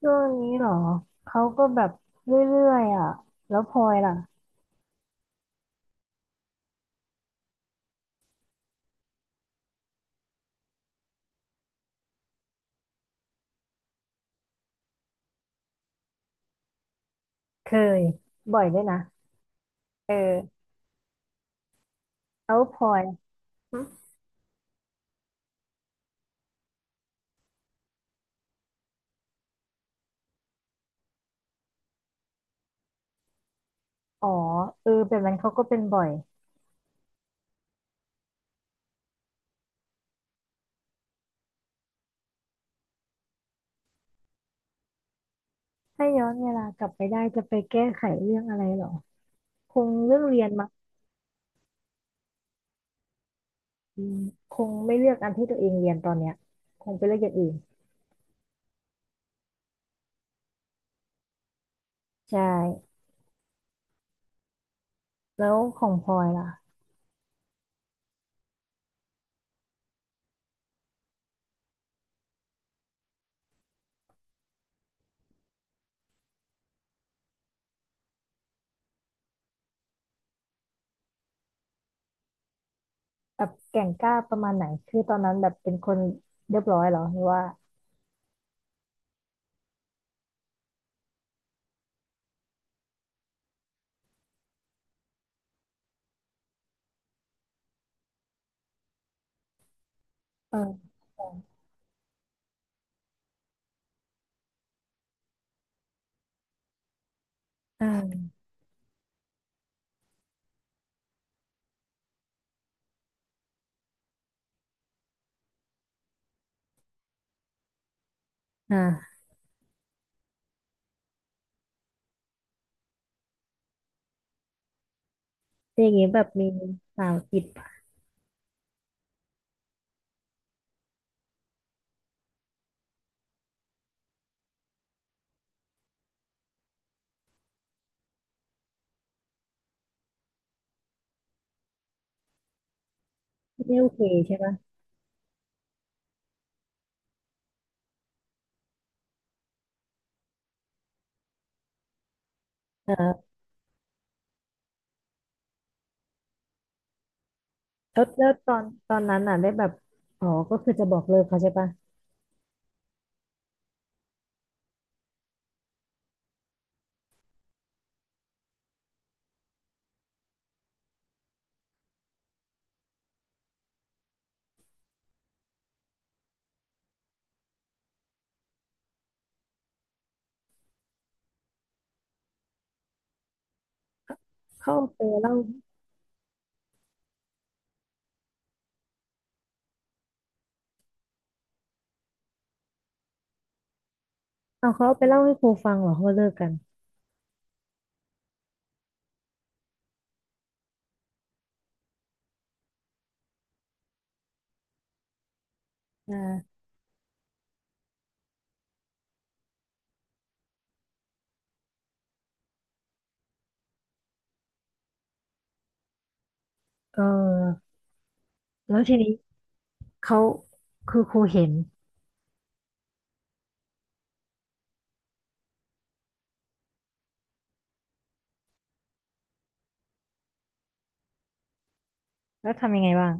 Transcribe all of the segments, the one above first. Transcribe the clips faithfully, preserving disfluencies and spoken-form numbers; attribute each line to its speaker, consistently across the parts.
Speaker 1: ช่วงนี้เหรอเขาก็แบบเรื่อยๆอ่ะแล้วพลอยล่ะเคยบ่อยด้วยนะเออแล้วพลอยอมอ๋อเออแบบนั้นเขาก็เป็นบ่อยถ้าย้อนเวลากลับไปได้จะไปแก้ไขเรื่องอะไรเหรอคงเรื่องเรียนมาอืมคงไม่เลือกอันที่ตัวเองเรียนตอนเนี้ยคงไปเลือกอย่างอื่นใช่แล้วของพลอยล่ะแบบแก่งกล้าประมาณไหนคือตอนนั้นแบบเป็นคนเรียบร้อยเหรอหรือว่าเออเอออ่าอ่าอย่างนี้แบบมีสาวติดพ ไม่โอเคใช่ปะเออแล้วแล้วตอนตอนนั้นน่ะได้แบบอ๋อก็คือจะบอกเลิกเขาใช่ปะเขาเอาไปเล่าเอาเขาเอาไปเล่าให้ครูฟังเหรอเขาเลิกกันอ่าเออแล้วทีนี้เขาคือครูเห็นแล้วทำยังไงบ้าง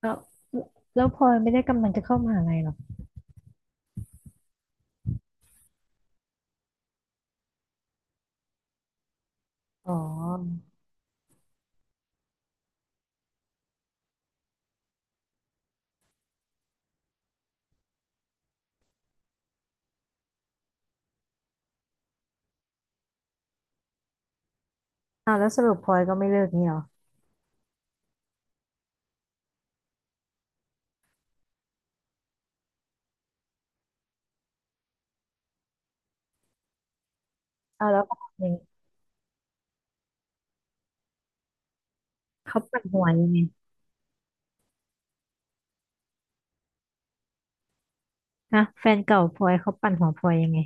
Speaker 1: แล้วแล้วพลอยไม่ได้กำลังจะเข้ามหาลัยหรออ๋ออ้าวแล้วสรุปพลอยก็ไม่เลิกนี่หรออ้าวแล้วเขาทำยังไงเขาปั่นหัวยังไงฮะแฟนเก่าพลอยเขาปั่นหัวพลอยยังไง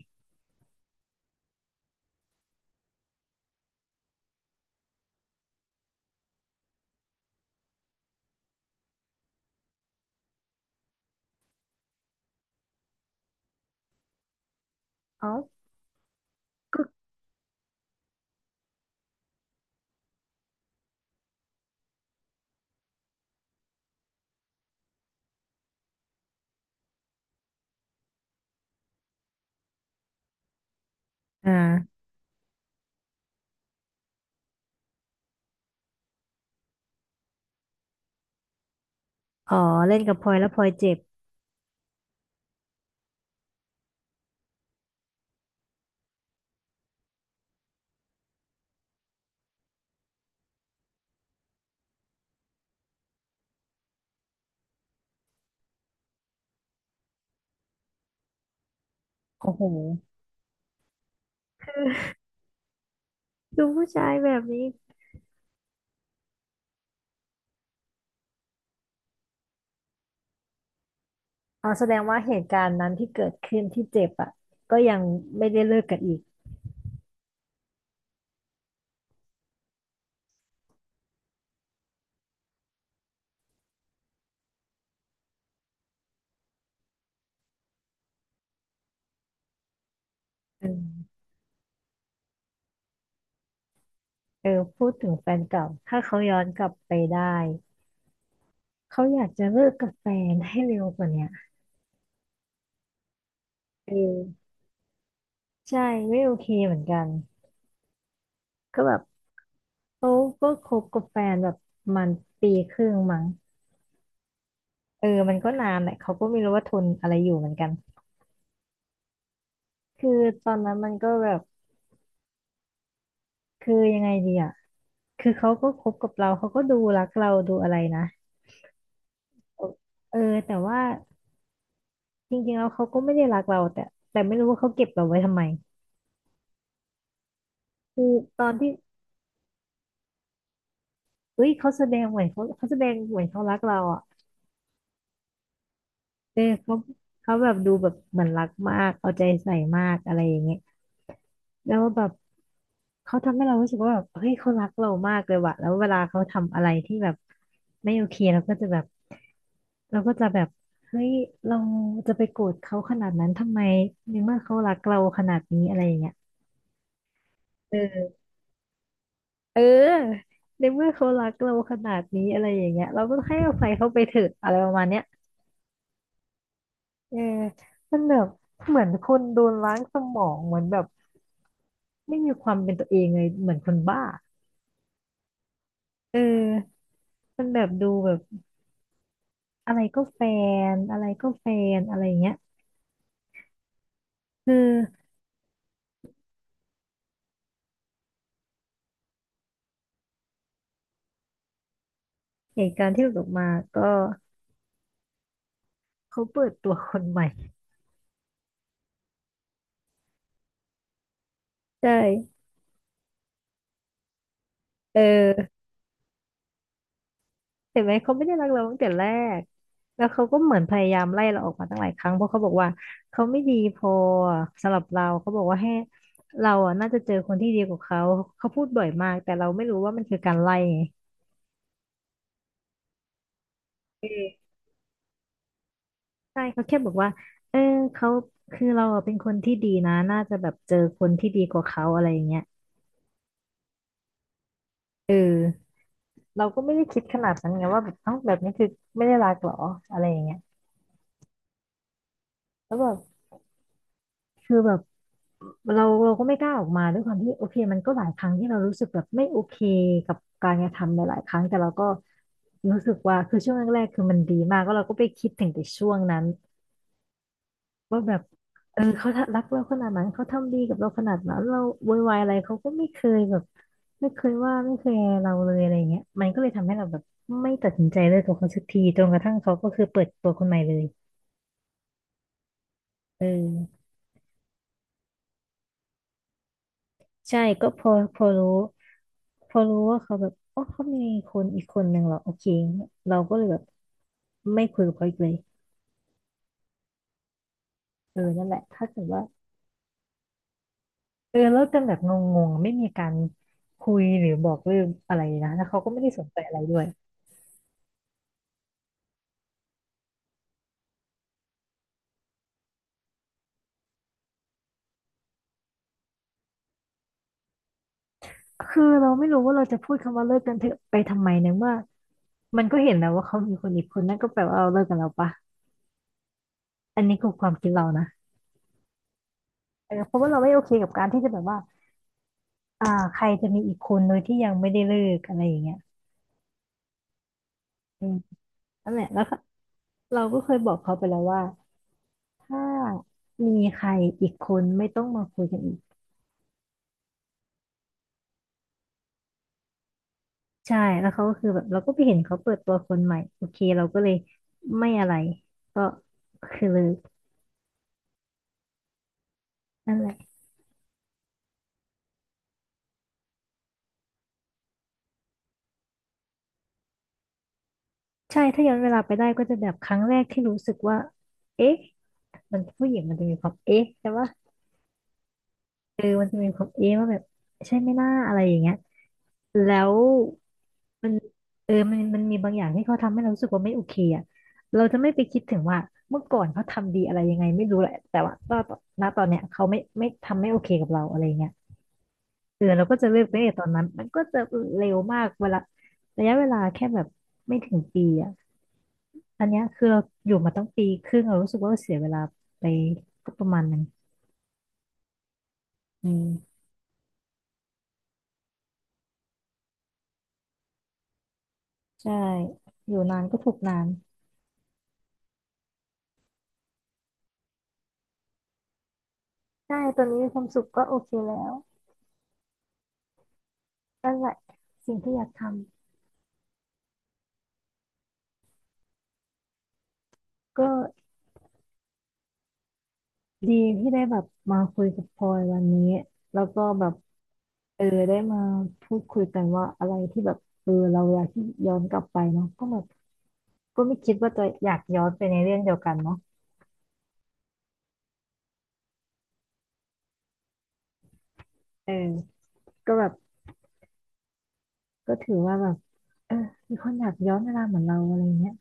Speaker 1: อ๋อก็อ่าอ๋อเล่นกับพลอยแล้วพลอยเจ็บโอ้โห ดูผู้ชายแบบนี้อ๋อแสดงว่าเหตุการณ์นั้นที่เกิดขึ้นที่เจ็บอ่ะก็ยังไม่ได้เลิกกันอีกเออเออพูดถึงแฟนเก่าถ้าเขาย้อนกลับไปได้เขาอยากจะเลิกกับแฟนให้เร็วกว่าเนี้ยเออใช่ไม่โอเคเหมือนกันก็แบบเขาก็คบกับแฟนแบบมันปีครึ่งมั้งเออมันก็นานแหละเขาก็ไม่รู้ว่าทนอะไรอยู่เหมือนกันคือตอนนั้นมันก็แบบคือยังไงดีอ่ะคือเขาก็คบกับเราเขาก็ดูรักเราดูอะไรนะ เออแต่ว่าจริงๆแล้วเขาก็ไม่ได้รักเราแต่แต่ไม่รู้ว่าเขาเก็บเราไว้ทำไมคือตอนที่เอ้ยเขาแสดงเหมือนเขาเขาแสดงเหมือนเขารักเราอ่ะเออเขาเขาแบบดูแบบเหมือนรักมากเอาใจใส่มากอะไรอย่างเงี้ยแล้วแบบเขาทำให้เรารู้สึกว่าแบบเฮ้ยเขารักเรามากเลยว่ะแล้วเวลาเขาทำอะไรที่แบบไม่โอเคเราก็จะแบบเราก็จะแบบเฮ้ยเราจะไปโกรธเขาขนาดนั้นทำไมในเมื่อเขารักเราขนาดนี้อะไรอย่างเงี้ยเออ เออในเมื่อเขารักเราขนาดนี้อะไรอย่างเงี้ยเราก็ให้อภัยเขาไปเถอะอะไรประมาณเนี้ยเออมันแบบเหมือนคนโดนล้างสมองเหมือนแบบไม่มีความเป็นตัวเองเลยเหมือนคนบ้าเออมันแบบดูแบบอะไรก็แฟนอะไรก็แฟนอะไรอย่างเงี้ยคือเหตุการณ์ที่หลุดออกมาก็เขาเปิดตัวคนใหม่ใช่เออ เห็นไหมเขาไม่ได้รักเราตั้งแต่แรกแล้วเขาก็เหมือนพยายามไล่เราออกมาตั้งหลายครั้งเพราะเขาบอกว่าเขาไม่ดีพอสำหรับเราเขาบอกว่าให้เราอ่ะน่าจะเจอคนที่ดีกว่าเขาเขาพูดบ่อยมากแต่เราไม่รู้ว่ามันคือการไล่ไงเออใช่เขาแค่บอกว่าเออเขาคือเราอะเป็นคนที่ดีนะน่าจะแบบเจอคนที่ดีกว่าเขาอะไรอย่างเงี้ยเออเราก็ไม่ได้คิดขนาดนั้นไงว่าแบบเอ้าแบบนี้คือไม่ได้รักเหรออะไรอย่างเงี้ยแล้วแบบคือแบบ เราเราก็ไม่กล้าออกมาด้วยความที่โอเคมันก็หลายครั้งที่เรารู้สึกแบบไม่โอเคกับการกระทำหลายๆครั้งแต่เราก็รู้สึกว่าคือช่วงแรกๆคือมันดีมากก็เราก็ไปคิดถึงแต่ช่วงนั้นว่าแบบเออเขารักเราขนาดนั้นเขาทำดีกับเราขนาดนั้นเราโวยวายอะไรเขาก็ไม่เคยแบบไม่เคยว่าไม่เคยเราเลยอะไรเงี้ยมันก็เลยทำให้เราแบบไม่ตัดสินใจเลิกกับเขาสักทีจนกระทั่งเขาก็คือเปิดตัวคนใหม่เลยเออ ใช่ก็พอพอรู้พอรู้ว่าเขาแบบอ๋อเขามีคนอีกคนหนึ่งเหรอโอเคเราก็เลยแบบไม่คุยกับเขาอีกเลยเออนั่นแหละถ้าเกิดว่าเออเลิกกันแบบงงๆไม่มีการคุยหรือบอกเรืกองอะไรนะแล้วเขาก็ไม่ได้สนใจอะไรด้วยคือเราไม่รู้ว่าเราจะพูดคำว่าเลิกกันเถอะไปทำไมเนเมื่อมันก็เห็นแล้วว่าเขามีคนอีกคนนั่นก็แปลว่าเราเลิกกันแล้วปะอันนี้คือความคิดเรานะเออเพราะว่าเราไม่โอเคกับการที่จะแบบว่าอ่าใครจะมีอีกคนโดยที่ยังไม่ได้เลิกอะไรอย่างเงี้ยอืม นั่นแหละแล้วก็เราก็เคยบอกเขาไปแล้วว่าถ้ามีใครอีกคนไม่ต้องมาคุยกันอีกใช่แล้วเขาก็คือแบบเราก็ไปเห็นเขาเปิดตัวคนใหม่โอเคเราก็เลยไม่อะไรก็คือเลิกนั่นแหละใช่ถ้าย้อนเวลาไปได้ก็จะแบบครั้งแรกที่รู้สึกว่าเอ๊ะมันผู้หญิงมันจะมีความเอ๊ะใช่ปะเออมันจะมีความเอ๊ะว่าแบบใช่ไหมหน่าอะไรอย่างเงี้ยแล้ว มันเออมันมันมีบางอย่างที่เขาทำให้เรารู้สึกว่าไม่โอเคอ่ะเราจะไม่ไปคิดถึงว่าเมื่อก่อนเขาทำดีอะไรยังไงไม่รู้แหละแต่ว่าตอนณตอนเนี้ยเขาไม่ไม่ทำไม่โอเคกับเราอะไรเงี้ยเออเราก็จะเลิกไปตั้งแต่ตอนนั้นมันก็จะเร็วมากเวลาระยะเวลาแค่แบบไม่ถึงปีอ่ะอันเนี้ยคือเราอยู่มาตั้งปีครึ่งเรารู้สึกว่าเราเสียเวลาไปก็ประมาณหนึงอืมใช่อยู่นานก็ถูกนานใช่ตอนนี้มีความสุขก็โอเคแล้วนั่นแหละสิ่งที่อยากทำก็ ดีที่ได้แบบมาคุยกับพลอยวันนี้แล้วก็แบบเออได้มาพูดคุยกันว่าอะไรที่แบบเออเราอยากที่ย้อนกลับไปเนาะก็แบบก็ไม่คิดว่าจะอยากย้อนไปในเรื่องเดียวกันเนาะเออก็แบบก็ถือว่าแบบเออมีคนอยากย้อนเวลาเหมือนเราอะไรเงี้ย